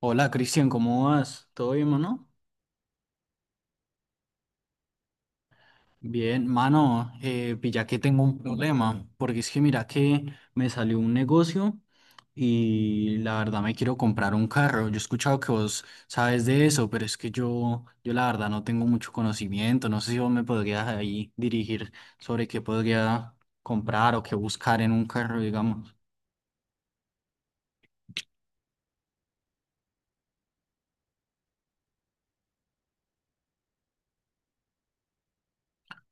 Hola Cristian, ¿cómo vas? ¿Todo bien, mano? Bien, mano, pilla que tengo un problema, porque es que mira que me salió un negocio y la verdad me quiero comprar un carro. Yo he escuchado que vos sabes de eso, pero es que yo la verdad no tengo mucho conocimiento. No sé si vos me podrías ahí dirigir sobre qué podría comprar o qué buscar en un carro, digamos.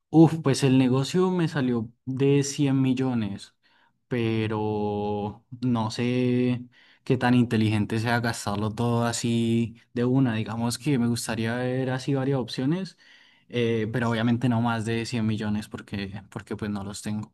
Uf, pues el negocio me salió de 100 millones, pero no sé qué tan inteligente sea gastarlo todo así de una. Digamos que me gustaría ver así varias opciones, pero obviamente no más de 100 millones porque pues no los tengo.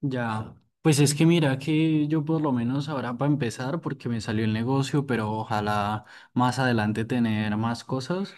Ya, pues es que mira que yo por lo menos ahora para empezar porque me salió el negocio, pero ojalá más adelante tener más cosas.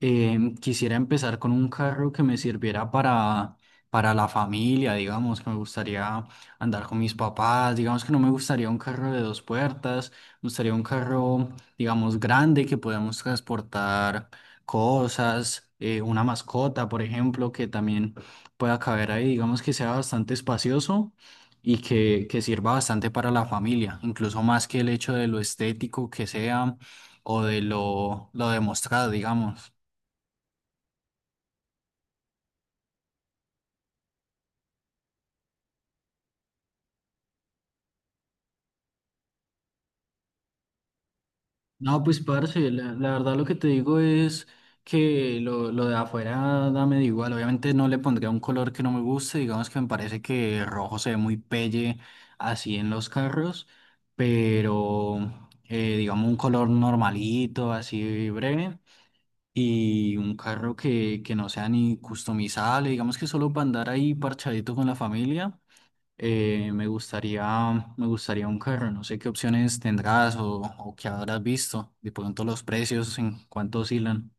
Quisiera empezar con un carro que me sirviera para la familia, digamos, que me gustaría andar con mis papás, digamos que no me gustaría un carro de dos puertas, me gustaría un carro, digamos, grande que podamos transportar cosas, una mascota, por ejemplo, que también pueda caber ahí, digamos que sea bastante espacioso y que sirva bastante para la familia, incluso más que el hecho de lo estético que sea o de lo demostrado, digamos. No, pues parce, la verdad lo que te digo es que lo de afuera dame igual. Obviamente no le pondría un color que no me guste, digamos que me parece que rojo se ve muy pelle así en los carros, pero digamos un color normalito, así breve, y un carro que no sea ni customizable, digamos que solo para andar ahí parchadito con la familia. Eh, me gustaría, me gustaría un carro, no sé qué opciones tendrás o qué habrás visto, de pronto los precios, en cuánto oscilan.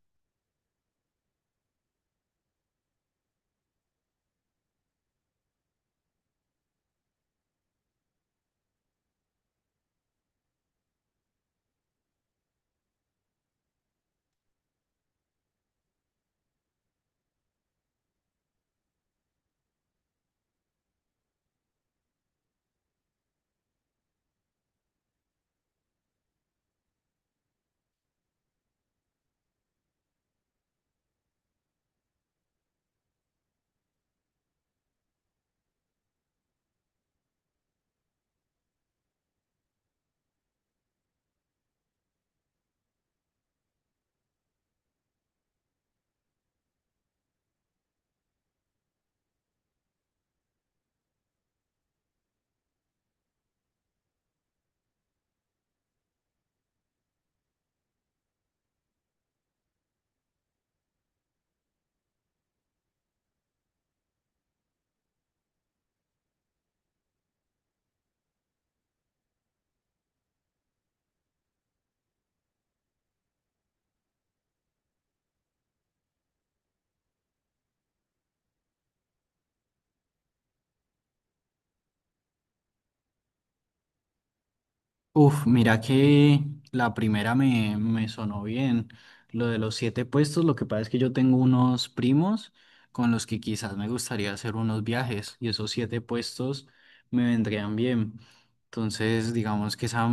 Uf, mira que la primera me sonó bien. Lo de los siete puestos, lo que pasa es que yo tengo unos primos con los que quizás me gustaría hacer unos viajes y esos siete puestos me vendrían bien. Entonces, digamos que esa,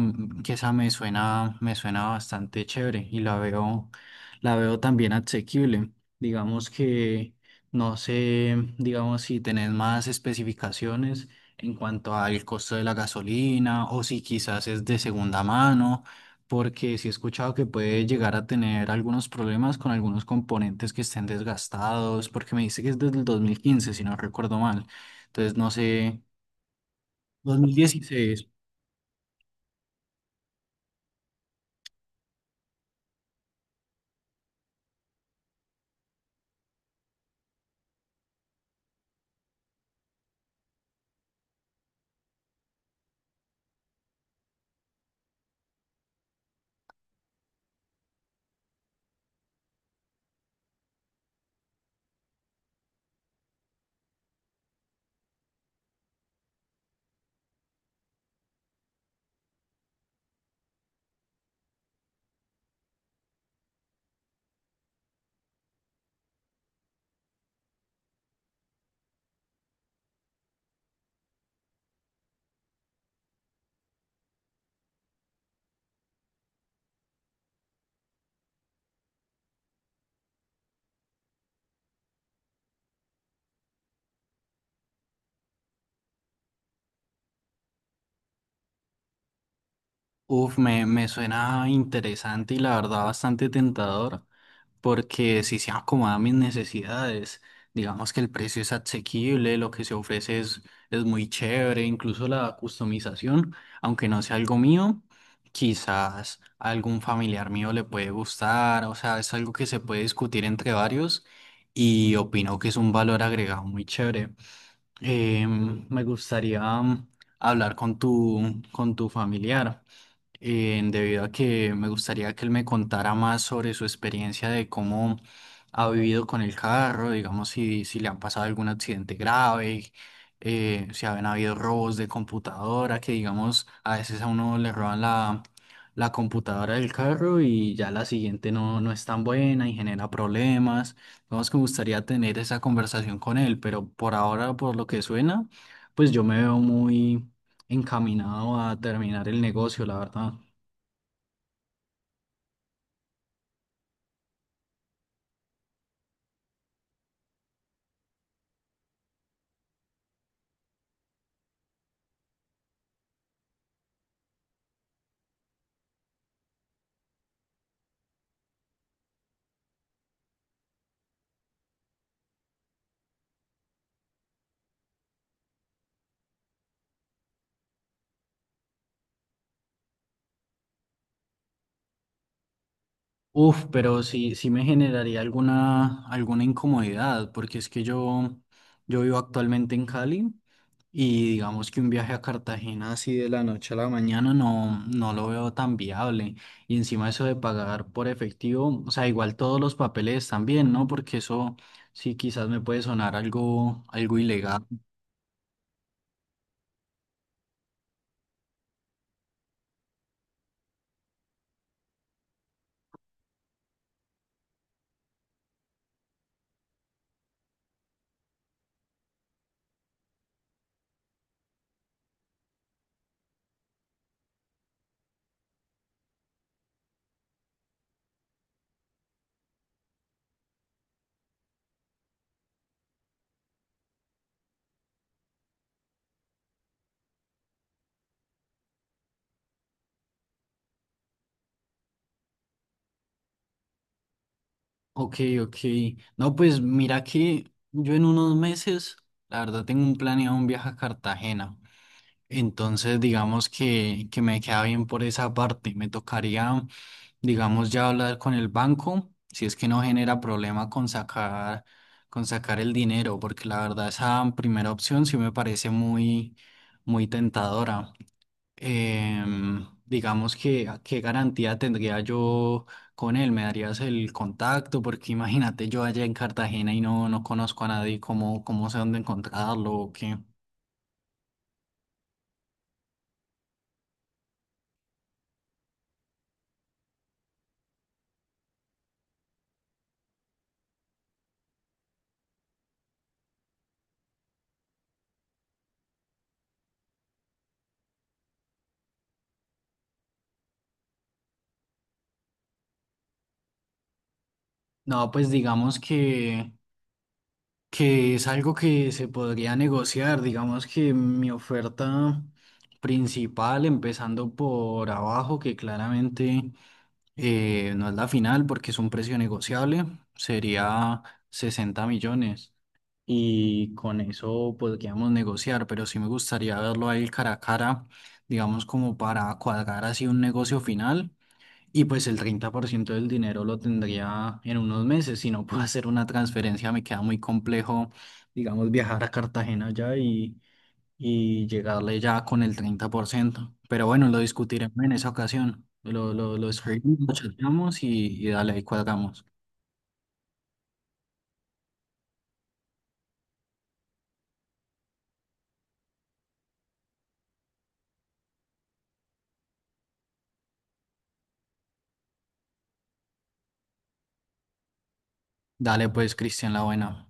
que esa me suena bastante chévere y la veo también asequible. Digamos que, no sé, digamos si tenés más especificaciones en cuanto al costo de la gasolina o si quizás es de segunda mano, porque sí he escuchado que puede llegar a tener algunos problemas con algunos componentes que estén desgastados, porque me dice que es desde el 2015, si no recuerdo mal. Entonces, no sé, 2016. Uf, me suena interesante y la verdad bastante tentador. Porque si se acomoda a mis necesidades, digamos que el precio es asequible, lo que se ofrece es muy chévere, incluso la customización, aunque no sea algo mío, quizás a algún familiar mío le puede gustar, o sea, es algo que se puede discutir entre varios y opino que es un valor agregado muy chévere. Me gustaría hablar con tu familiar debido a que me gustaría que él me contara más sobre su experiencia de cómo ha vivido con el carro, digamos, si le han pasado algún accidente grave, si han habido robos de computadora, que digamos, a veces a uno le roban la computadora del carro y ya la siguiente no es tan buena y genera problemas. Digamos que me gustaría tener esa conversación con él, pero por ahora, por lo que suena, pues yo me veo muy encaminado a terminar el negocio, la verdad. Uf, pero sí, sí me generaría alguna incomodidad, porque es que yo vivo actualmente en Cali y digamos que un viaje a Cartagena así de la noche a la mañana no lo veo tan viable. Y encima eso de pagar por efectivo, o sea, igual todos los papeles también, ¿no? Porque eso sí quizás me puede sonar algo ilegal. Ok, ok. No, pues mira que yo en unos meses, la verdad, tengo un planeado un viaje a Cartagena. Entonces, digamos que me queda bien por esa parte. Me tocaría, digamos, ya hablar con el banco, si es que no genera problema con sacar el dinero, porque la verdad esa primera opción sí me parece muy, muy tentadora. Digamos que qué garantía tendría yo con él, me darías el contacto, porque imagínate yo allá en Cartagena y no conozco a nadie, ¿ cómo sé dónde encontrarlo o qué? No, pues digamos que es algo que se podría negociar. Digamos que mi oferta principal, empezando por abajo, que claramente no es la final porque es un precio negociable, sería 60 millones. Y con eso podríamos negociar, pero sí me gustaría verlo ahí cara a cara, digamos como para cuadrar así un negocio final. Y pues el 30% del dinero lo tendría en unos meses. Si no puedo hacer una transferencia, me queda muy complejo, digamos, viajar a Cartagena ya y llegarle ya con el 30%. Pero bueno, lo discutiremos en esa ocasión. Lo escribimos, lo chateamos y dale, ahí cuadramos. Dale pues, Cristian, la buena.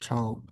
Chao.